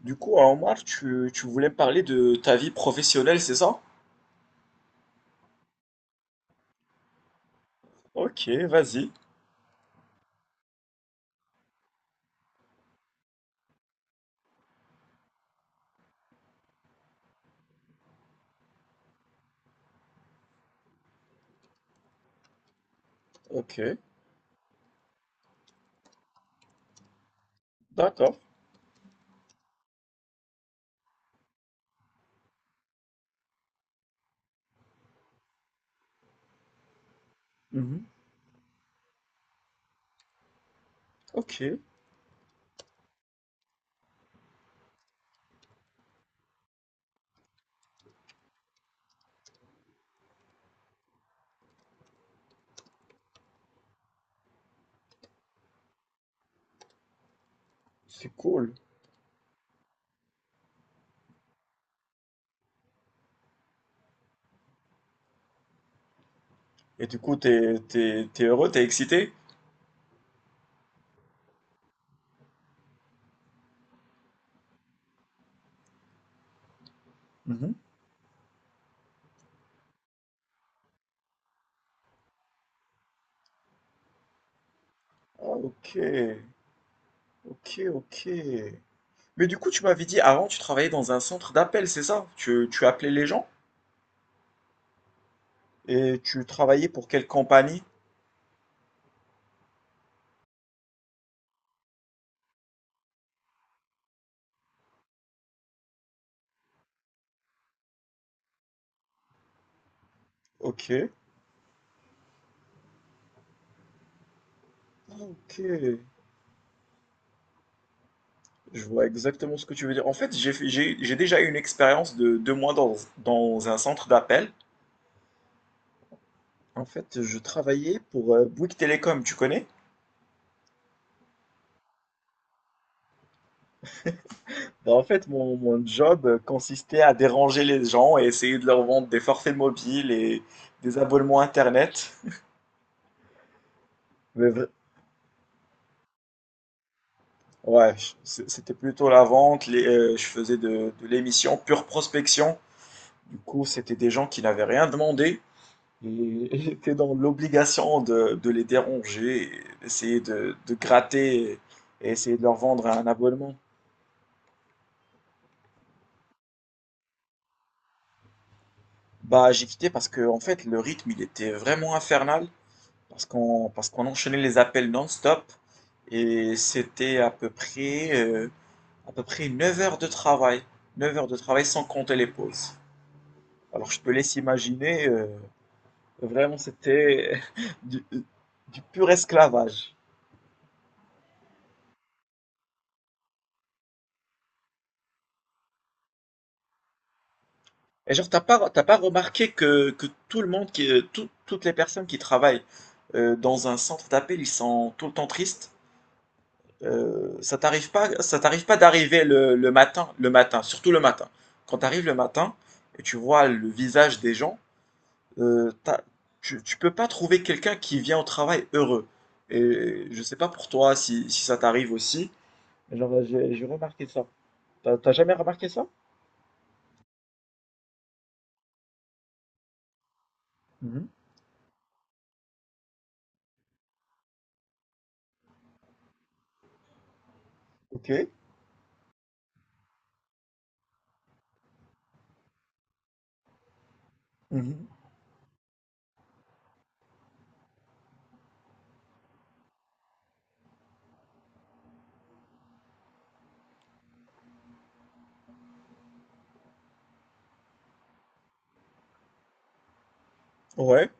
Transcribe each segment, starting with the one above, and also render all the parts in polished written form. Du coup, hein, Omar, tu voulais me parler de ta vie professionnelle, c'est ça? Ok, vas-y. Ok, d'accord. Mhm. Ok, c'est cool. Et du coup, t'es heureux, t'es excité? Mhm. Ah, ok, ok, ok. Mais du coup, tu m'avais dit avant, tu travaillais dans un centre d'appel, c'est ça? Tu appelais les gens et tu travaillais pour quelle compagnie? Ok. Ah, ok, je vois exactement ce que tu veux dire. En fait, j'ai déjà eu une expérience de 2 mois dans un centre d'appel. En fait, je travaillais pour Bouygues Télécom, tu connais? Ben, en fait, mon job consistait à déranger les gens et essayer de leur vendre des forfaits mobiles et des abonnements Internet. Mais vra- ouais, c'était plutôt la vente. Je faisais de l'émission pure prospection. Du coup, c'était des gens qui n'avaient rien demandé et j'étais dans l'obligation de les déranger, et essayer de gratter et essayer de leur vendre un abonnement. Bah, j'ai quitté parce que, en fait, le rythme, il était vraiment infernal, parce qu'on enchaînait les appels non-stop, et c'était à peu près 9 heures de travail. 9 heures de travail sans compter les pauses. Alors, je te laisse imaginer, vraiment, c'était du, du pur esclavage. Et genre, t'as pas remarqué que tout le monde, qui, tout- toutes les personnes qui travaillent dans un centre d'appel, ils sont tout le temps tristes? Ça t'arrive pas d'arriver le matin, le matin, surtout le matin. Quand t'arrives le matin et tu vois le visage des gens, euh, t'as- tu peux pas trouver quelqu'un qui vient au travail heureux. Et je sais pas pour toi si ça t'arrive aussi. Mais genre, j'ai remarqué ça. T'as jamais remarqué ça? Mhm. Ok. Mhm. Ouais.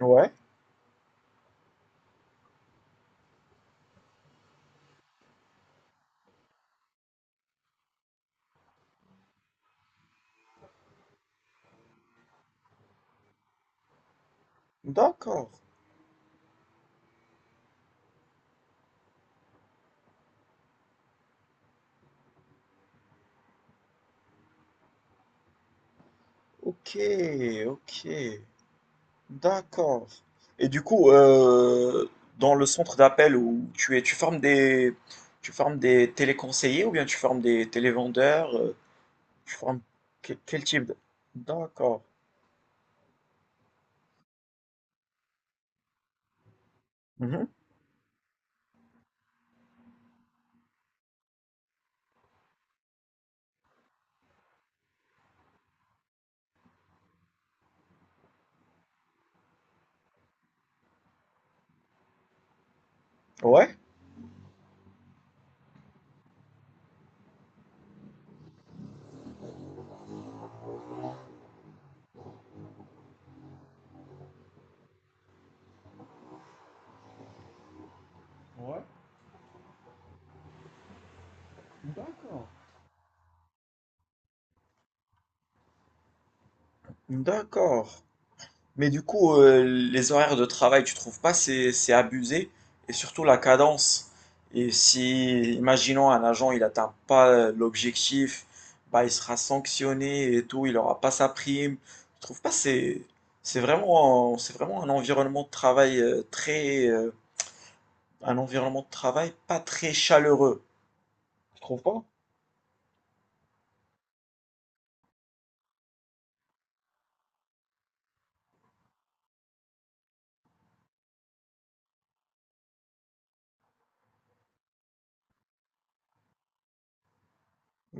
Ouais. D'accord. Ok, ok. D'accord. Et du coup, dans le centre d'appel où tu es, tu formes des téléconseillers ou bien tu formes des télévendeurs, tu formes quel type de. D'accord. Mhm. Ouais, d'accord. D'accord. Mais du coup, les horaires de travail, tu trouves pas c'est abusé? Et surtout la cadence. Et si, imaginons, un agent, il n'atteint pas l'objectif, bah, il sera sanctionné et tout, il n'aura pas sa prime. Tu trouves pas c'est vraiment un environnement de travail, très un environnement de travail pas très chaleureux. Tu trouves pas?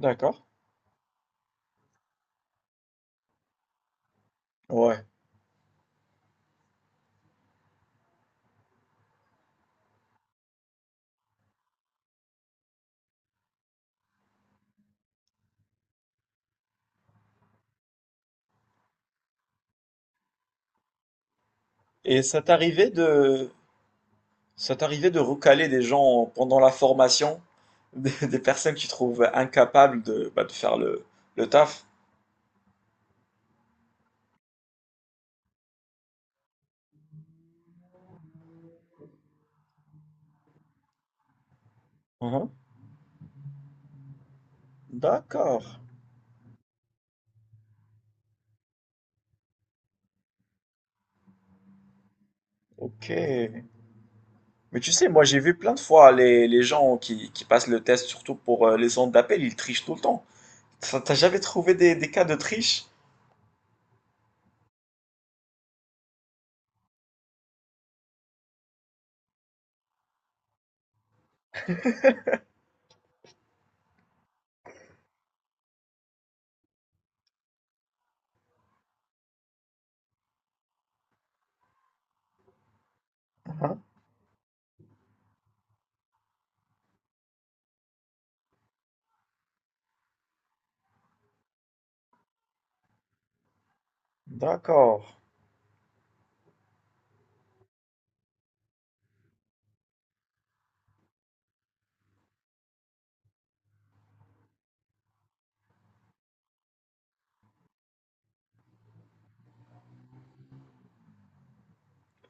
D'accord. Ouais. Et ça t'arrivait de Ça t'arrivait de recaler des gens pendant la formation, des personnes que tu trouves incapables de faire le taf? Mhm. D'accord, ok. Mais tu sais, moi j'ai vu plein de fois les gens qui passent le test, surtout pour les centres d'appel, ils trichent tout le temps. Ça, t'as jamais trouvé des cas de triche? Mhm. D'accord,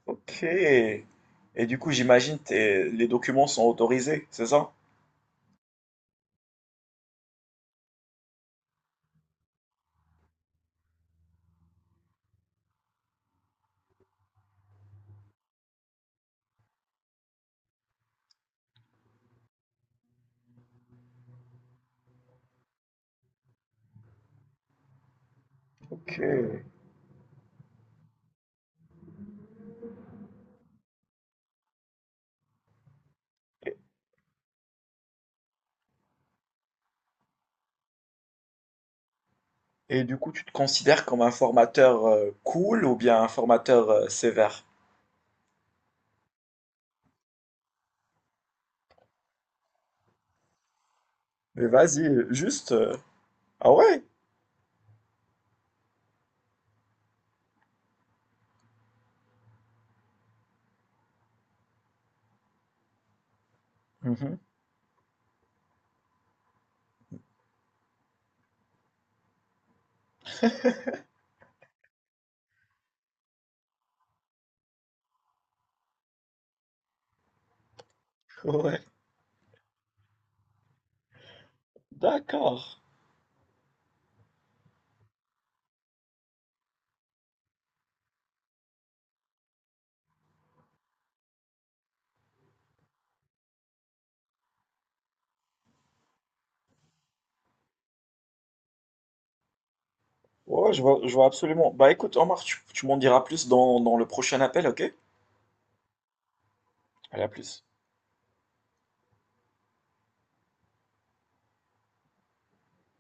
ok. Et du coup, j'imagine les documents sont autorisés, c'est ça? Ok. Et du coup, tu te considères comme un formateur cool ou bien un formateur sévère? Mais vas-y, juste. Ah ouais? Mhm. Ouais, d'accord. Ouais, je vois absolument. Bah écoute, Omar, tu m'en diras plus dans le prochain appel, ok? Allez, à plus.